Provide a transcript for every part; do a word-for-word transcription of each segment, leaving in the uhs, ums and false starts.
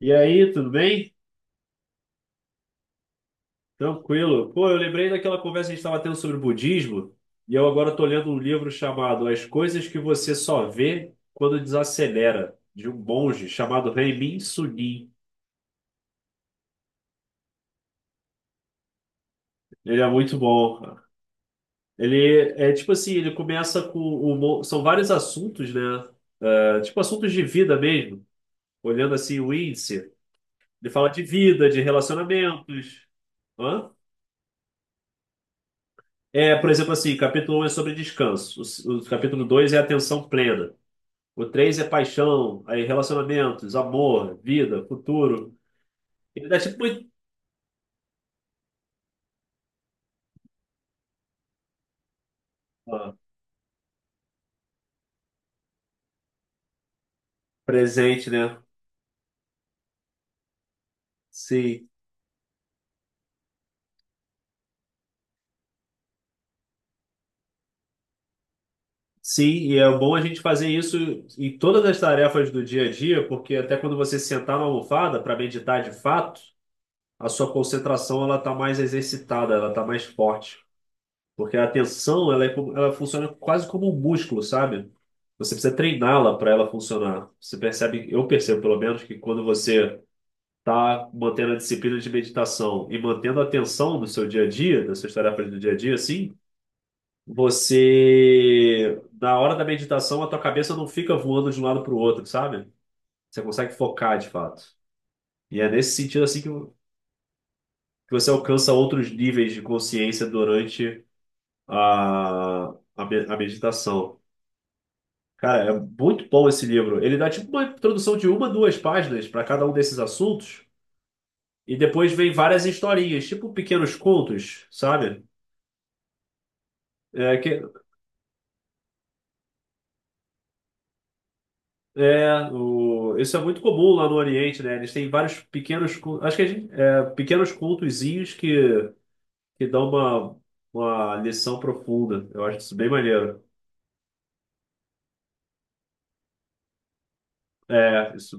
E aí, tudo bem? Tranquilo. Pô, eu lembrei daquela conversa que a gente estava tendo sobre budismo, e eu agora estou lendo um livro chamado As Coisas que Você Só Vê Quando Desacelera, de um monge chamado Renmin Sunim. Ele é muito bom, cara. Ele é tipo assim, ele começa com um mo- são vários assuntos, né? É, tipo assuntos de vida mesmo. Olhando assim o índice, ele fala de vida, de relacionamentos. Hã? É, por exemplo, assim, capítulo um é sobre descanso. O, o capítulo dois é atenção plena. O três é paixão, aí relacionamentos, amor, vida, futuro. Ele dá tipo muito ó, presente, né? Sim. Sim, e é bom a gente fazer isso em todas as tarefas do dia a dia, porque até quando você sentar na almofada para meditar de fato, a sua concentração ela tá mais exercitada, ela tá mais forte. Porque a atenção, ela, é, como- ela funciona quase como um músculo, sabe? Você precisa treiná-la para ela funcionar. Você percebe, eu percebo pelo menos, que quando você está mantendo a disciplina de meditação e mantendo a atenção do seu dia a dia, das suas tarefas do dia a dia, assim, você, na hora da meditação, a tua cabeça não fica voando de um lado para o outro, sabe? Você consegue focar de fato. E é nesse sentido, assim, que que você alcança outros níveis de consciência durante a, a, me- a meditação. Cara, é muito bom esse livro. Ele dá tipo uma introdução de uma, duas páginas para cada um desses assuntos, e depois vem várias historinhas, tipo pequenos contos, sabe? É, que, é, o, isso é muito comum lá no Oriente, né? Eles têm vários pequenos, cu- acho que a gente, é, pequenos contozinhos que, que dão uma, uma lição profunda. Eu acho isso bem maneiro. É, isso.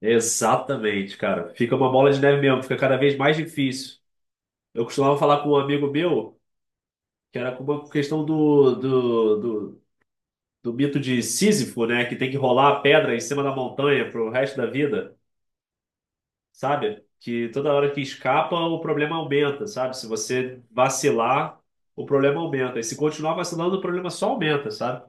Exatamente, cara. Fica uma bola de neve mesmo, fica cada vez mais difícil. Eu costumava falar com um amigo meu, que era com a questão do, do, do, do mito de Sísifo, né? Que tem que rolar a pedra em cima da montanha pro resto da vida, sabe? Que toda hora que escapa, o problema aumenta, sabe? Se você vacilar, o problema aumenta. E se continuar vacilando, o problema só aumenta, sabe?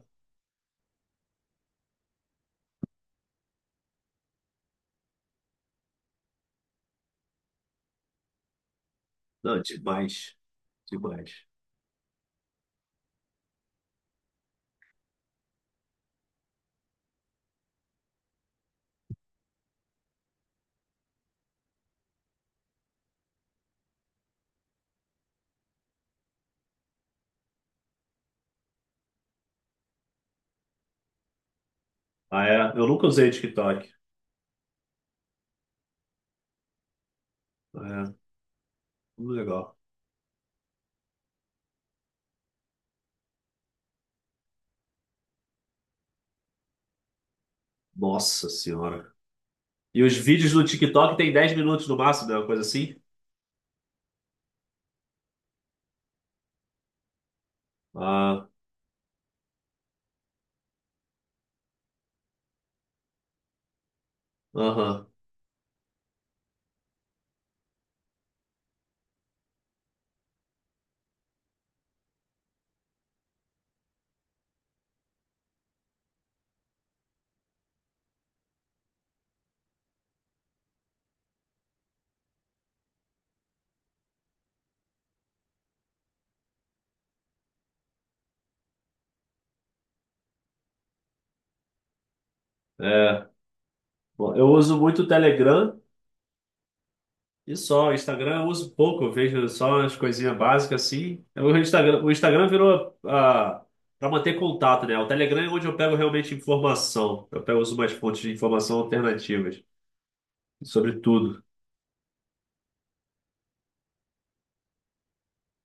Não, demais, demais. Ah, é? Eu nunca usei TikTok. Ah, é, muito legal. Nossa senhora. E os vídeos do TikTok tem dez minutos no máximo, né? Uma coisa assim. Ah, aham. É. Bom, eu uso muito o Telegram. E só, o Instagram eu uso pouco, eu vejo só as coisinhas básicas assim. O Instagram, o Instagram virou, ah, para manter contato, né? O Telegram é onde eu pego realmente informação. Eu pego, uso umas fontes de informação alternativas sobre tudo.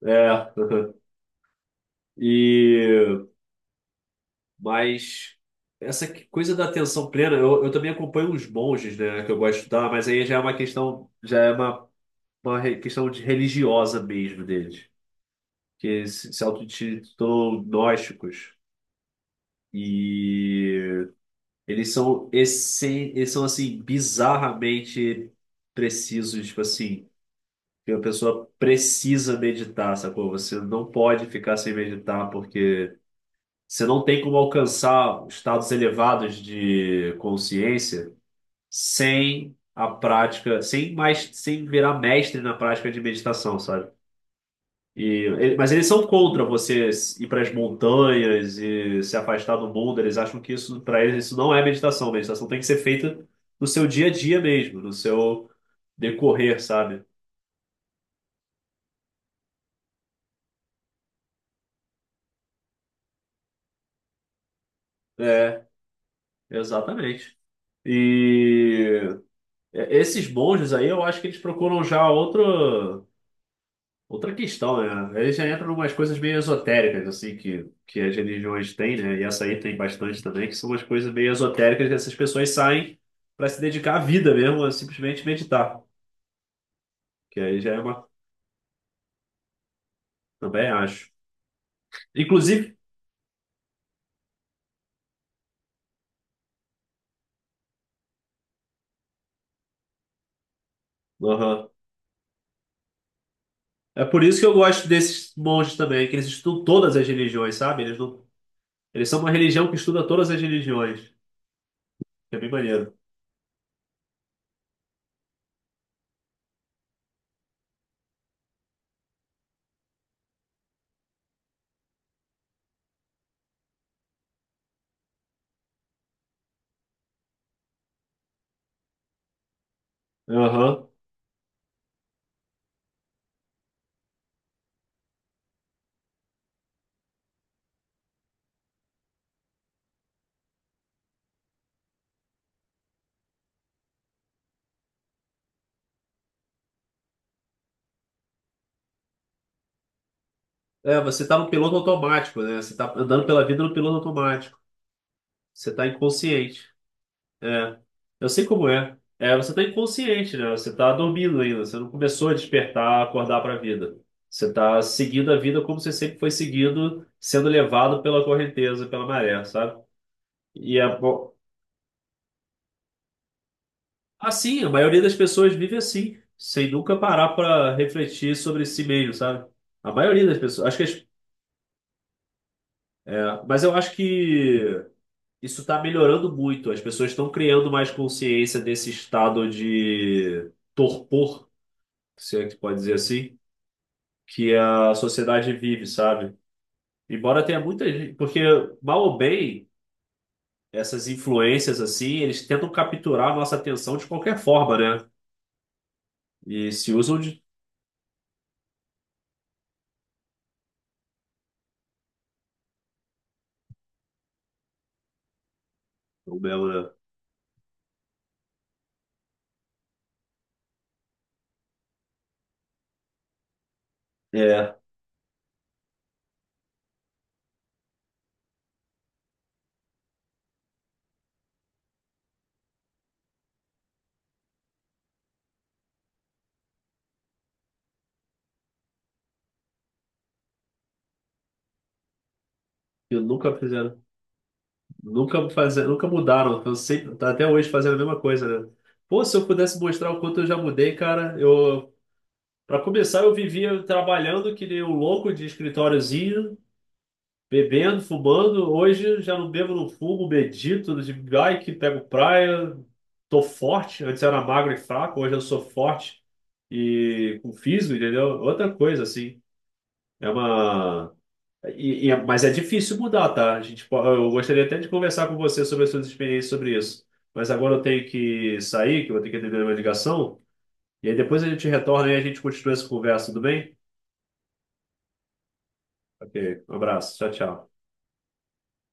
É. E mas essa que- coisa da atenção plena, eu, eu também acompanho uns monges, né, que eu gosto de estudar, mas aí já é uma questão, já é uma, uma re- questão de religiosa mesmo deles, que se, se autotitulam gnósticos. E eles são essen... eles são assim bizarramente precisos, tipo assim, que a pessoa precisa meditar, sacou? Você não pode ficar sem meditar porque você não tem como alcançar estados elevados de consciência sem a prática, sem mais, sem virar mestre na prática de meditação, sabe? E, ele- mas eles são contra você ir para as montanhas e se afastar do mundo. Eles acham que isso, para eles, isso não é meditação. Meditação tem que ser feita no seu dia a dia mesmo, no seu decorrer, sabe? É, exatamente. E é, esses monges aí, eu acho que eles procuram já outro. Outra questão, né? Aí já entra umas coisas meio esotéricas, assim, que, que as religiões têm, né? E essa aí tem bastante também, que são umas coisas meio esotéricas que essas pessoas saem para se dedicar à vida mesmo, a simplesmente meditar. Que aí já é uma. Também acho. Inclusive, aham, é por isso que eu gosto desses monges também, que eles estudam todas as religiões, sabe? Eles não, eles são uma religião que estuda todas as religiões, que é bem maneiro. Aham. É, você tá no piloto automático, né? Você tá andando pela vida no piloto automático. Você tá inconsciente. É, eu sei como é. É, você tá inconsciente, né? Você tá dormindo ainda, você não começou a despertar, acordar para a vida. Você tá seguindo a vida como você sempre foi seguindo, sendo levado pela correnteza, pela maré, sabe? E é bom. Assim, a maioria das pessoas vive assim, sem nunca parar para refletir sobre si mesmo, sabe? A maioria das pessoas. Acho que as- é, mas eu acho que isso está melhorando muito. As pessoas estão criando mais consciência desse estado de torpor, se é que pode dizer assim, que a sociedade vive, sabe? Embora tenha muita gente, porque mal ou bem, essas influências assim, eles tentam capturar a nossa atenção de qualquer forma, né? E se usam de o mesmo, né? É, que nunca fizeram, nunca fazer, nunca mudaram. Eu sempre, tá até hoje fazendo a mesma coisa, né? Pô, se eu pudesse mostrar o quanto eu já mudei, cara, eu, para começar, eu vivia trabalhando que nem um louco de escritóriozinho, bebendo, fumando, hoje já não bebo, não fumo, medito, de bike, pego praia, tô forte. Antes era magro e fraco, hoje eu sou forte e com físico, entendeu? Outra coisa, assim. É uma. E- e é- mas é difícil mudar, tá? A gente, po- eu gostaria até de conversar com você sobre as suas experiências sobre isso. Mas agora eu tenho que sair, que eu vou ter que atender uma ligação. E aí depois a gente retorna e a gente continua essa conversa, tudo bem? Ok, um abraço, tchau, tchau.